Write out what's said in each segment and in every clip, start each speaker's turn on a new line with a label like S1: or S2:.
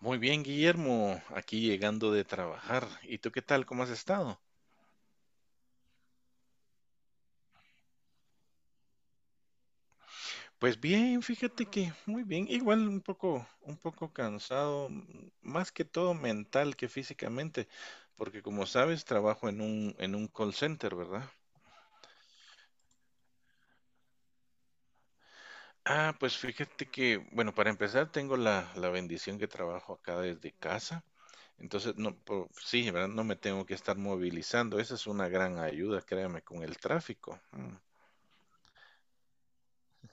S1: Muy bien, Guillermo, aquí llegando de trabajar. ¿Y tú qué tal? ¿Cómo has estado? Pues bien, fíjate que muy bien, igual un poco, cansado, más que todo mental que físicamente, porque como sabes, trabajo en un call center, ¿verdad? Ah, pues fíjate que, bueno, para empezar, tengo la bendición que trabajo acá desde casa. Entonces, no, sí, ¿verdad? No me tengo que estar movilizando. Esa es una gran ayuda, créame, con el tráfico. Mm.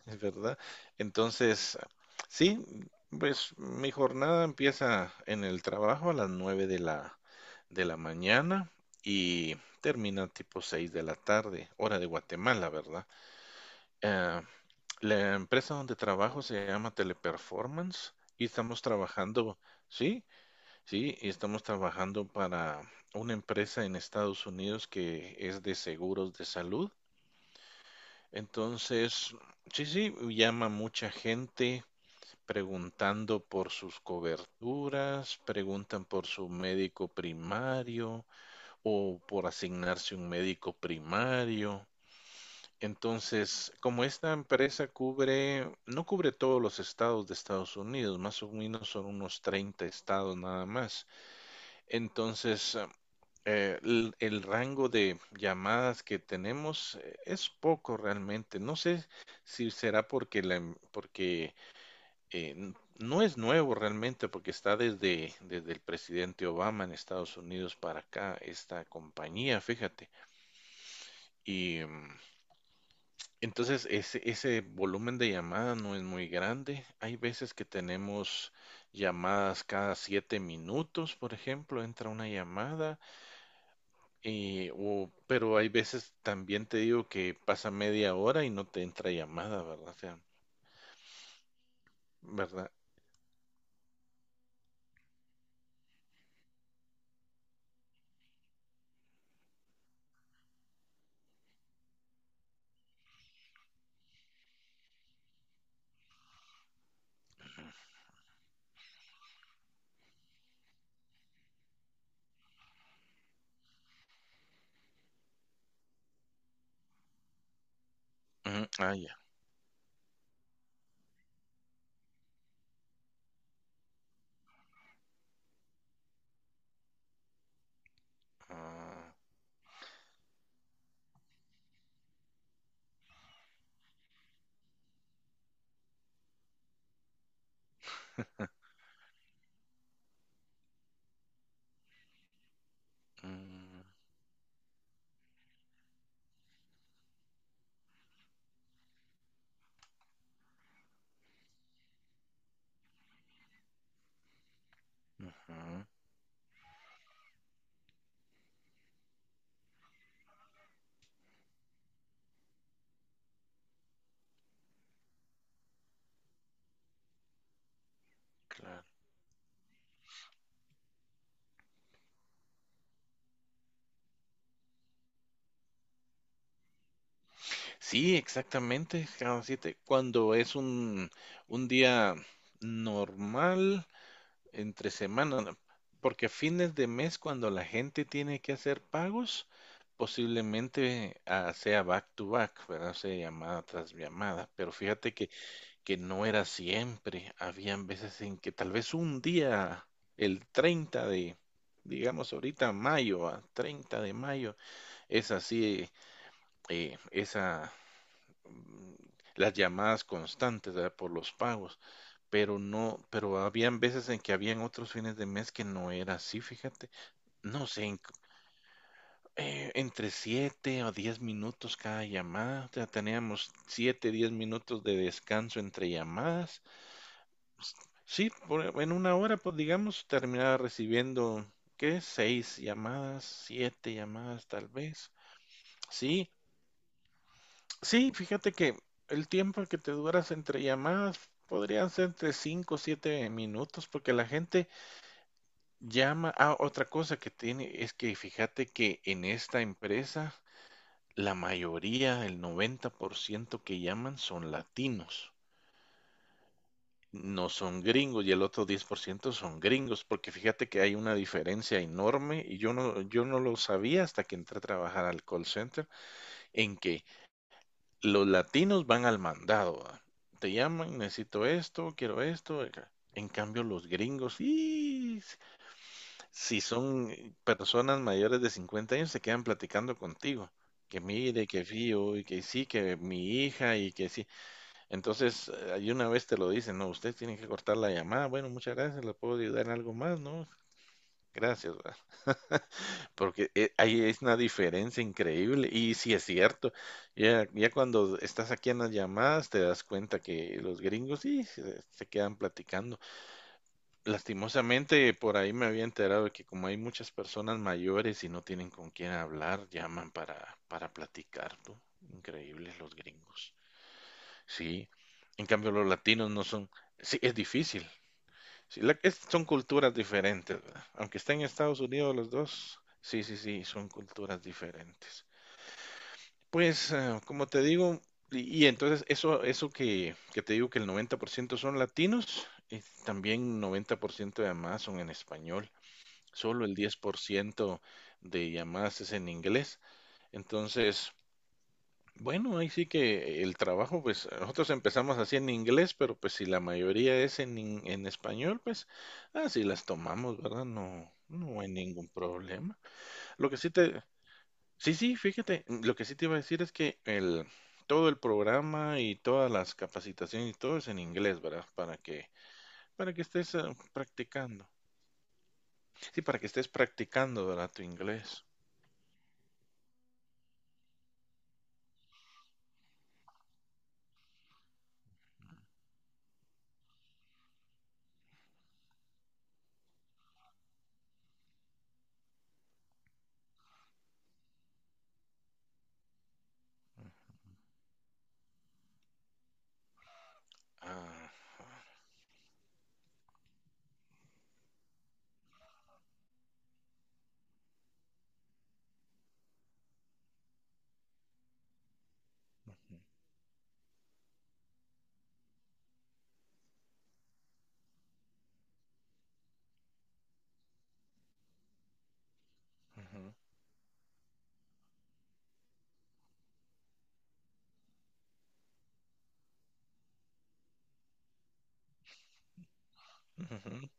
S1: Es verdad. Entonces, sí, pues mi jornada empieza en el trabajo a las 9 de la mañana y termina tipo 6 de la tarde, hora de Guatemala, ¿verdad? Eh, la empresa donde trabajo se llama Teleperformance y estamos trabajando, sí, sí, y estamos trabajando para una empresa en Estados Unidos que es de seguros de salud. Entonces, sí, sí, llama mucha gente preguntando por sus coberturas, preguntan por su médico primario o por asignarse un médico primario. Entonces, como esta empresa cubre, no cubre todos los estados de Estados Unidos, más o menos son unos 30 estados nada más. Entonces, el rango de llamadas que tenemos es poco realmente. No sé si será porque porque no es nuevo realmente porque está desde el presidente Obama en Estados Unidos para acá, esta compañía, fíjate. Y entonces ese volumen de llamada no es muy grande. Hay veces que tenemos llamadas cada 7 minutos, por ejemplo, entra una llamada, pero hay veces también te digo que pasa media hora y no te entra llamada, ¿verdad? O sea, ¿verdad? Ujú. Ah, ya. Ah, mm, ujú, claro. Sí, exactamente, cada siete. Cuando es un día normal entre semana, ¿no? Porque a fines de mes, cuando la gente tiene que hacer pagos, posiblemente sea back to back, ¿verdad? O sea, llamada tras llamada. Pero fíjate que no era siempre. Habían veces en que tal vez un día, el 30 de, digamos ahorita mayo, 30 de mayo, es así, esa las llamadas constantes, ¿verdad?, por los pagos, pero no, pero habían veces en que habían otros fines de mes que no era así, fíjate, no sé, entre 7 o 10 minutos cada llamada, o sea, teníamos 7, 10 minutos de descanso entre llamadas. Sí, en una hora, pues digamos, terminaba recibiendo, ¿qué? Seis llamadas, siete llamadas tal vez. Sí. Sí, fíjate que el tiempo que te duras entre llamadas podrían ser entre 5 o 7 minutos, porque la gente llama. Ah, otra cosa que tiene es que fíjate que en esta empresa la mayoría, el 90% que llaman son latinos, no son gringos y el otro 10% son gringos, porque fíjate que hay una diferencia enorme y yo no lo sabía hasta que entré a trabajar al call center, en que los latinos van al mandado, ¿va? Te llaman, necesito esto, quiero esto, acá. En cambio, los gringos, y si son personas mayores de 50 años, se quedan platicando contigo. Que mire, que fío, y que sí, que mi hija, y que sí. Entonces, ahí una vez te lo dicen: no, usted tiene que cortar la llamada. Bueno, muchas gracias, le puedo ayudar en algo más, ¿no? Gracias, ¿va? Porque ahí es una diferencia increíble. Y sí es cierto, ya, ya cuando estás aquí en las llamadas te das cuenta que los gringos sí se quedan platicando. Lastimosamente por ahí me había enterado de que como hay muchas personas mayores y no tienen con quién hablar, llaman para platicar, ¿no? Increíbles los gringos. Sí. En cambio los latinos no son. Sí, es difícil. Sí, son culturas diferentes, ¿verdad? Aunque estén en Estados Unidos los dos, sí, sí, sí, son culturas diferentes. Pues, como te digo, y entonces eso que te digo que el 90% son latinos, y también 90% de llamadas son en español, solo el 10% de llamadas es en inglés. Entonces, bueno, ahí sí que el trabajo, pues nosotros empezamos así en inglés, pero pues si la mayoría es en español, pues así las tomamos, ¿verdad? No, no hay ningún problema. Lo que sí te, Sí, sí, fíjate, lo que sí te iba a decir es que todo el programa y todas las capacitaciones y todo es en inglés, ¿verdad? Para que estés practicando. Sí, para que estés practicando, ¿verdad? Tu inglés. Ah, ujú, ujú,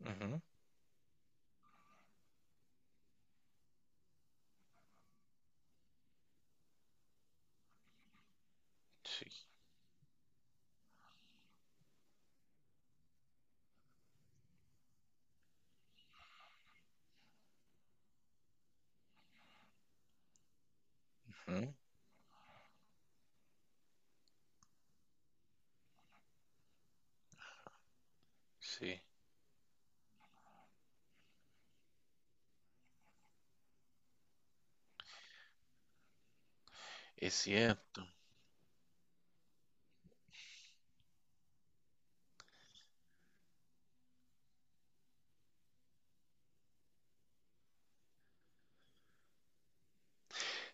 S1: ujú, sí, ujú, sí. Es cierto.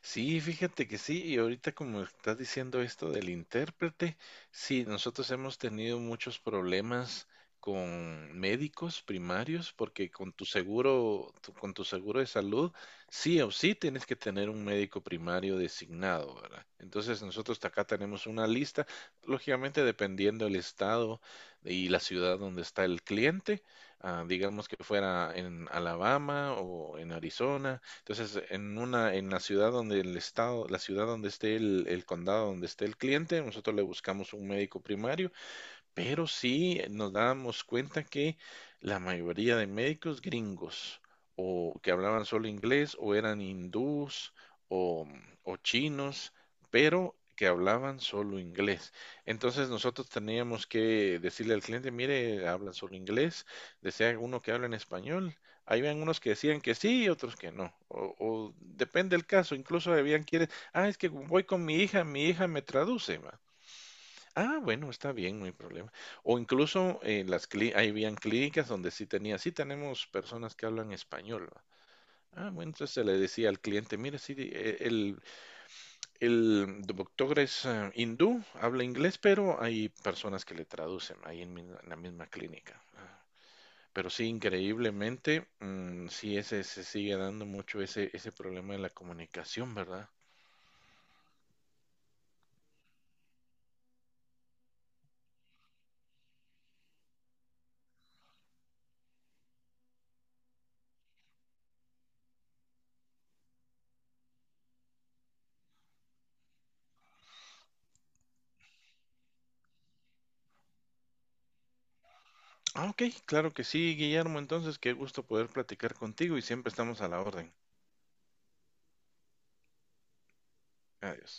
S1: Sí, fíjate que sí, y ahorita como estás diciendo esto del intérprete, sí, nosotros hemos tenido muchos problemas con médicos primarios porque con tu seguro, con tu seguro de salud, sí o sí tienes que tener un médico primario designado, ¿verdad? Entonces nosotros acá tenemos una lista, lógicamente dependiendo del estado y la ciudad donde está el cliente, digamos que fuera en Alabama o en Arizona. Entonces, en la ciudad donde la ciudad donde esté el condado donde esté el cliente, nosotros le buscamos un médico primario. Pero sí, nos dábamos cuenta que la mayoría de médicos gringos, o que hablaban solo inglés, o eran hindús, o chinos, pero que hablaban solo inglés. Entonces nosotros teníamos que decirle al cliente: mire, hablan solo inglés, desea uno que hable en español. Habían unos que decían que sí y otros que no, o depende del caso, incluso habían quienes, es que voy con mi hija me traduce, ma. Ah, bueno, está bien, no hay problema. O incluso, ahí habían clínicas donde sí tenemos personas que hablan español, ¿va? Ah, bueno, entonces se le decía al cliente: mire, sí, el doctor es, hindú, habla inglés, pero hay personas que le traducen ahí en la misma clínica. Ah. Pero sí, increíblemente, mm, sí, se sigue dando mucho ese problema de la comunicación, ¿verdad? Ah, ok, claro que sí, Guillermo, entonces qué gusto poder platicar contigo y siempre estamos a la orden. Adiós.